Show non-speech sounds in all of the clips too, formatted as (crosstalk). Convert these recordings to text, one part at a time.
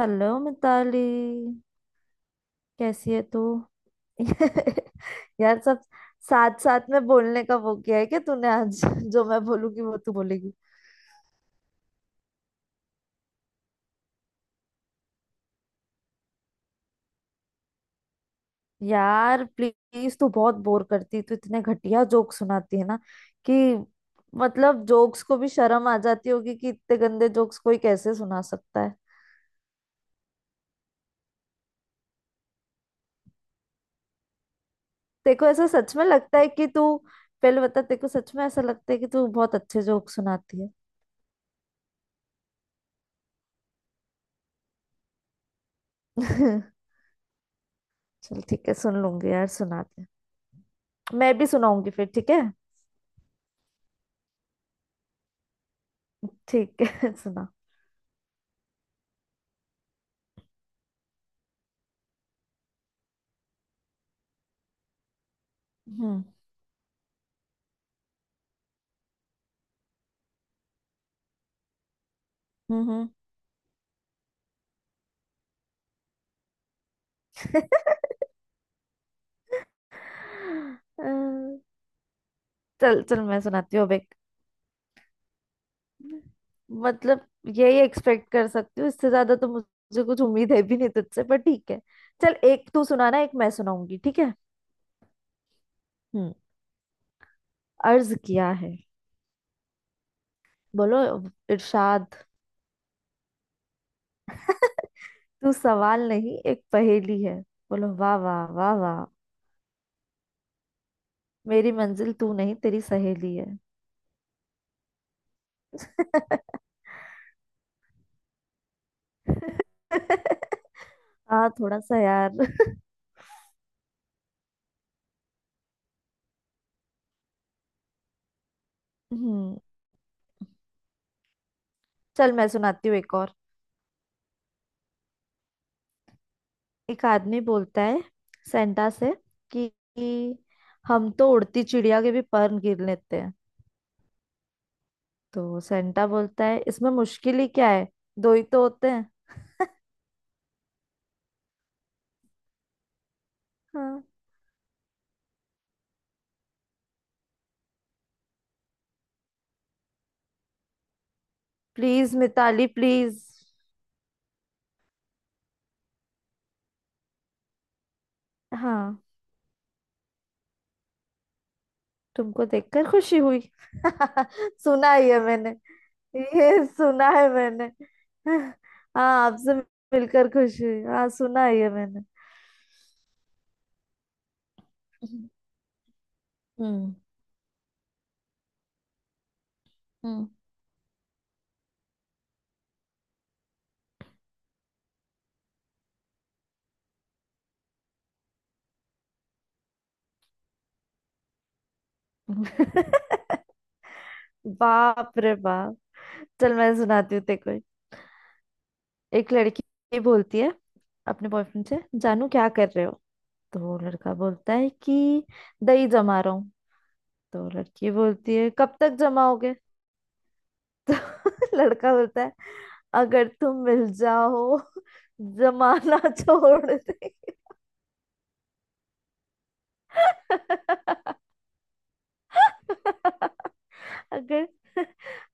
Hello Mitali. कैसी है तू? (laughs) यार, सब साथ साथ में बोलने का वो किया है क्या तूने आज? (laughs) जो मैं बोलूंगी वो तू बोलेगी? यार प्लीज, तू बहुत बोर करती। तू इतने घटिया जोक सुनाती है ना कि मतलब जोक्स को भी शर्म आ जाती होगी कि इतने गंदे जोक्स कोई कैसे सुना सकता है। तेरे को ऐसा सच में लगता है कि तू, पहले बता तेरे को सच में ऐसा लगता है कि तू बहुत अच्छे जोक सुनाती है? (laughs) चल ठीक है, सुन लूंगी यार, सुना। मैं भी सुनाऊंगी फिर, ठीक है? ठीक है। (laughs) सुना। हम्म। हम्म। हम्म। (laughs) अ, चल चल, मैं सुनाती हूँ अब एक। मतलब यही एक्सपेक्ट कर सकती हूँ, इससे ज्यादा तो मुझे कुछ उम्मीद है भी नहीं तुझसे, पर ठीक है। चल एक तू सुनाना, एक मैं सुनाऊंगी, ठीक है। हम्म। अर्ज किया है। बोलो इरशाद। (laughs) तू सवाल नहीं एक पहेली है। बोलो वाह वाह वाह वाह। मेरी मंजिल तू नहीं, तेरी सहेली है। (laughs) (laughs) हाँ, थोड़ा सा यार। (laughs) हम्म। चल, मैं सुनाती हूँ एक और। एक आदमी बोलता है सेंटा से कि हम तो उड़ती चिड़िया के भी पर गिर लेते हैं। तो सेंटा बोलता है, इसमें मुश्किल ही क्या है, दो ही तो होते हैं। हाँ। Please Mitali please. हाँ, तुमको देखकर खुशी हुई। (laughs) सुना है ये मैंने। ये सुना है मैंने। (laughs) हाँ, आपसे मिलकर खुश हुई, हाँ, सुना है ये मैंने। हम्म। हम्म। (laughs) बाप रे बाप। चल मैं सुनाती हूँ तेरे को एक। एक लड़की बोलती है अपने बॉयफ्रेंड से, जानू क्या कर रहे हो? तो वो लड़का बोलता है कि दही जमा रहा हूँ। तो लड़की बोलती है, कब तक जमाओगे? तो (laughs) लड़का बोलता है, अगर तुम मिल जाओ जमाना (laughs) छोड़ दे। अगर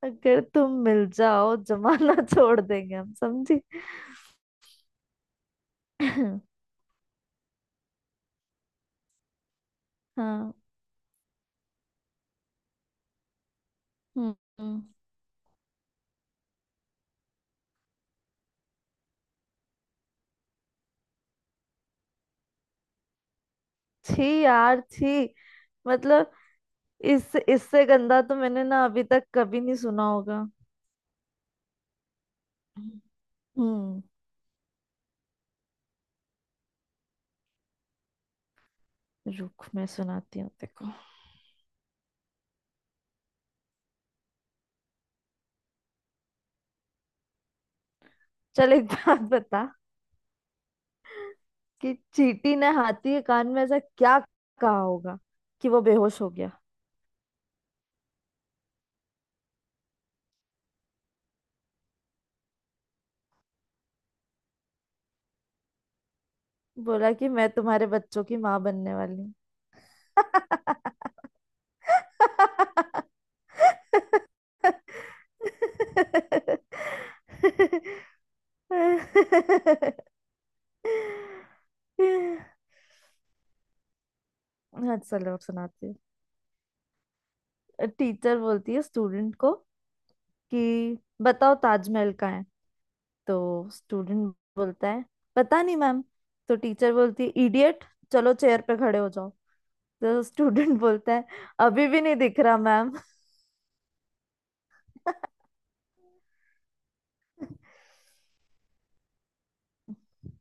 अगर तुम मिल जाओ जमाना (laughs) छोड़ देंगे हम, समझी? (clears throat) हाँ। हम्म। हम्म। छी यार छी। मतलब इस इससे गंदा तो मैंने ना अभी तक कभी नहीं सुना होगा। हम्म। रुक, मैं सुनाती हूँ, देखो। चल एक बात बता कि चींटी ने हाथी के कान में ऐसा क्या कहा होगा कि वो बेहोश हो गया? बोला कि मैं तुम्हारे बच्चों की माँ बनने वाली हूँ। हाँ चलो, अब सुनाती हूँ। टीचर बोलती है स्टूडेंट को कि बताओ ताजमहल कहाँ है। तो स्टूडेंट बोलता है, पता नहीं मैम। तो टीचर बोलती है, इडियट, चलो चेयर पे खड़े हो जाओ। तो स्टूडेंट (laughs) बोलता है, अभी भी नहीं दिख रहा मैम। (laughs)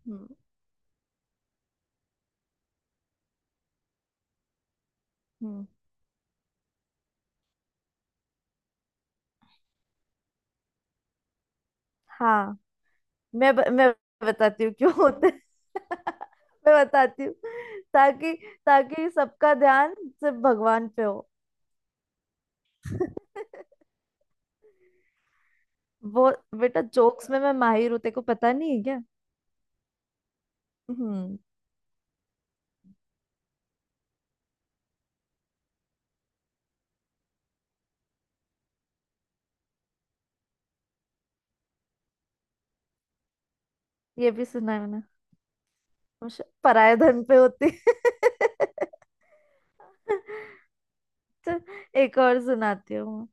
हम्म। हम्म। हाँ, मैं बताती हूँ क्यों होते हैं। (laughs) मैं बताती हूँ, ताकि ताकि सबका ध्यान सिर्फ भगवान पे हो। (laughs) वो बेटा, जोक्स में मैं माहिर हूँ, तेरे को पता नहीं है क्या? हम्म। ये भी सुना है मैंने। पराये धन पे होती है। (laughs) तो एक और सुनाती हूँ।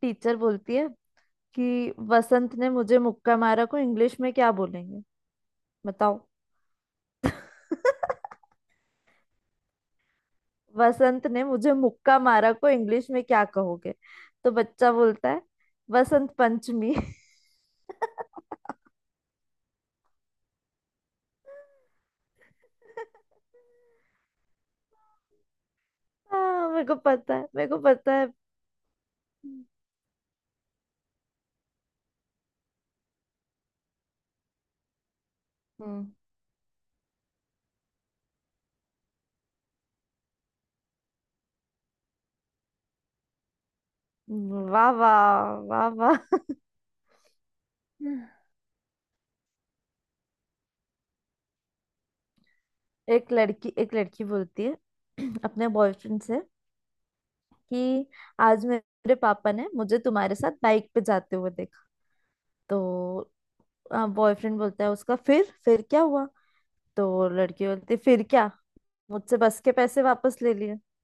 टीचर बोलती है कि वसंत ने मुझे मुक्का मारा को इंग्लिश में क्या बोलेंगे, बताओ? (laughs) वसंत ने मुझे मुक्का मारा को इंग्लिश में क्या कहोगे? तो बच्चा बोलता है, वसंत पंचमी। हाँ मेरे को पता है, मेरे को पता है। हम्म। वाह वाह वाह वाह। (laughs) हम्म। एक लड़की, एक लड़की बोलती है (clears throat) अपने बॉयफ्रेंड से कि आज मेरे पापा ने मुझे तुम्हारे साथ बाइक पे जाते हुए देखा। तो बॉयफ्रेंड बोलता है उसका, फिर क्या हुआ? तो लड़की बोलती है, फिर क्या, मुझसे बस के पैसे वापस ले लिए। (laughs)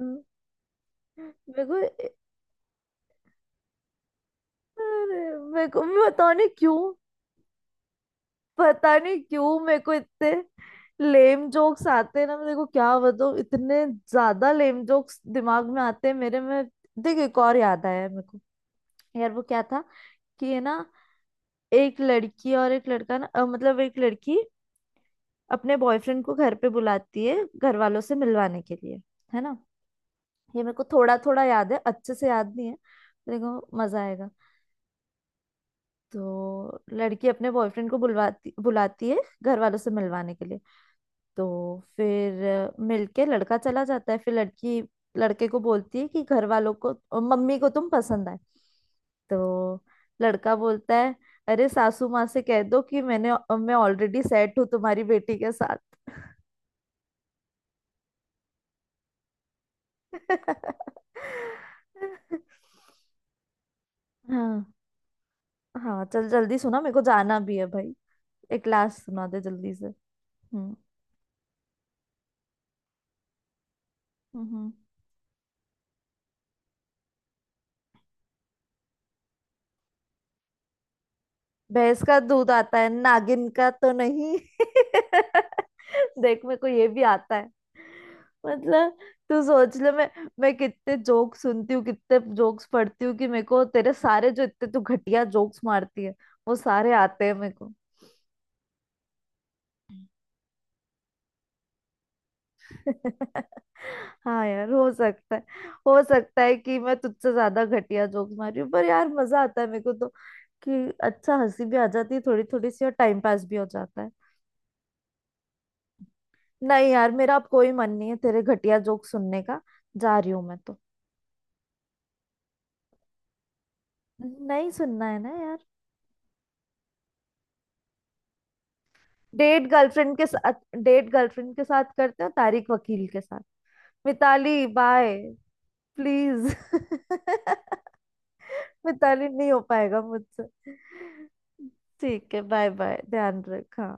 हम्म। मेरे को, अरे मेरे को, मैं बताने क्यों, पता नहीं क्यों मेरे को इतने लेम जोक्स आते हैं ना। मेरे को क्या बताऊं, इतने ज्यादा लेम जोक्स दिमाग में आते हैं मेरे में। देख, एक और याद आया है मेरे को। यार वो क्या था कि ये ना, एक लड़की और एक लड़का ना, मतलब एक लड़की अपने बॉयफ्रेंड को घर पे बुलाती है घर वालों से मिलवाने के लिए, है ना? ये मेरे को थोड़ा थोड़ा याद है, अच्छे से याद नहीं है, देखो मजा आएगा। तो लड़की अपने बॉयफ्रेंड को बुलवाती बुलाती है घर वालों से मिलवाने के लिए। तो फिर मिलके लड़का चला जाता है। फिर लड़की लड़के को बोलती है कि घर वालों को, मम्मी को तुम पसंद आए। तो लड़का बोलता है, अरे सासू माँ से कह दो कि मैंने, मैं ऑलरेडी सेट हूँ तुम्हारी बेटी के साथ। (laughs) हाँ। हाँ चल जल्दी सुना, मेरे को जाना भी है भाई। एक लास्ट सुना दे जल्दी से। हम्म। हम्म। हम्म। भैंस का दूध आता है नागिन का तो नहीं। (laughs) देख, मेरे को ये भी आता है। मतलब तू सोच ले, मैं कितने जोक सुनती हूँ, कितने जोक्स पढ़ती हूँ कि मेरे को तेरे सारे, जो इतने तू घटिया जोक्स मारती है वो सारे आते हैं मेरे को। (laughs) हाँ यार, हो सकता है। हो सकता है कि मैं तुझसे ज्यादा घटिया जोक्स मार रही हूँ, पर यार मजा आता है मेरे को तो कि अच्छा हंसी भी आ जाती है थोड़ी थोड़ी सी, और टाइम पास भी हो जाता है। नहीं यार, मेरा अब कोई मन नहीं है तेरे घटिया जोक सुनने का, जा रही हूँ मैं तो। नहीं सुनना है ना यार। डेट गर्लफ्रेंड के साथ। डेट गर्लफ्रेंड के साथ करते हो, तारिक वकील के साथ। मिताली बाय। प्लीज। (laughs) मिताली नहीं हो पाएगा मुझसे। ठीक है, बाय बाय, ध्यान रख, हाँ।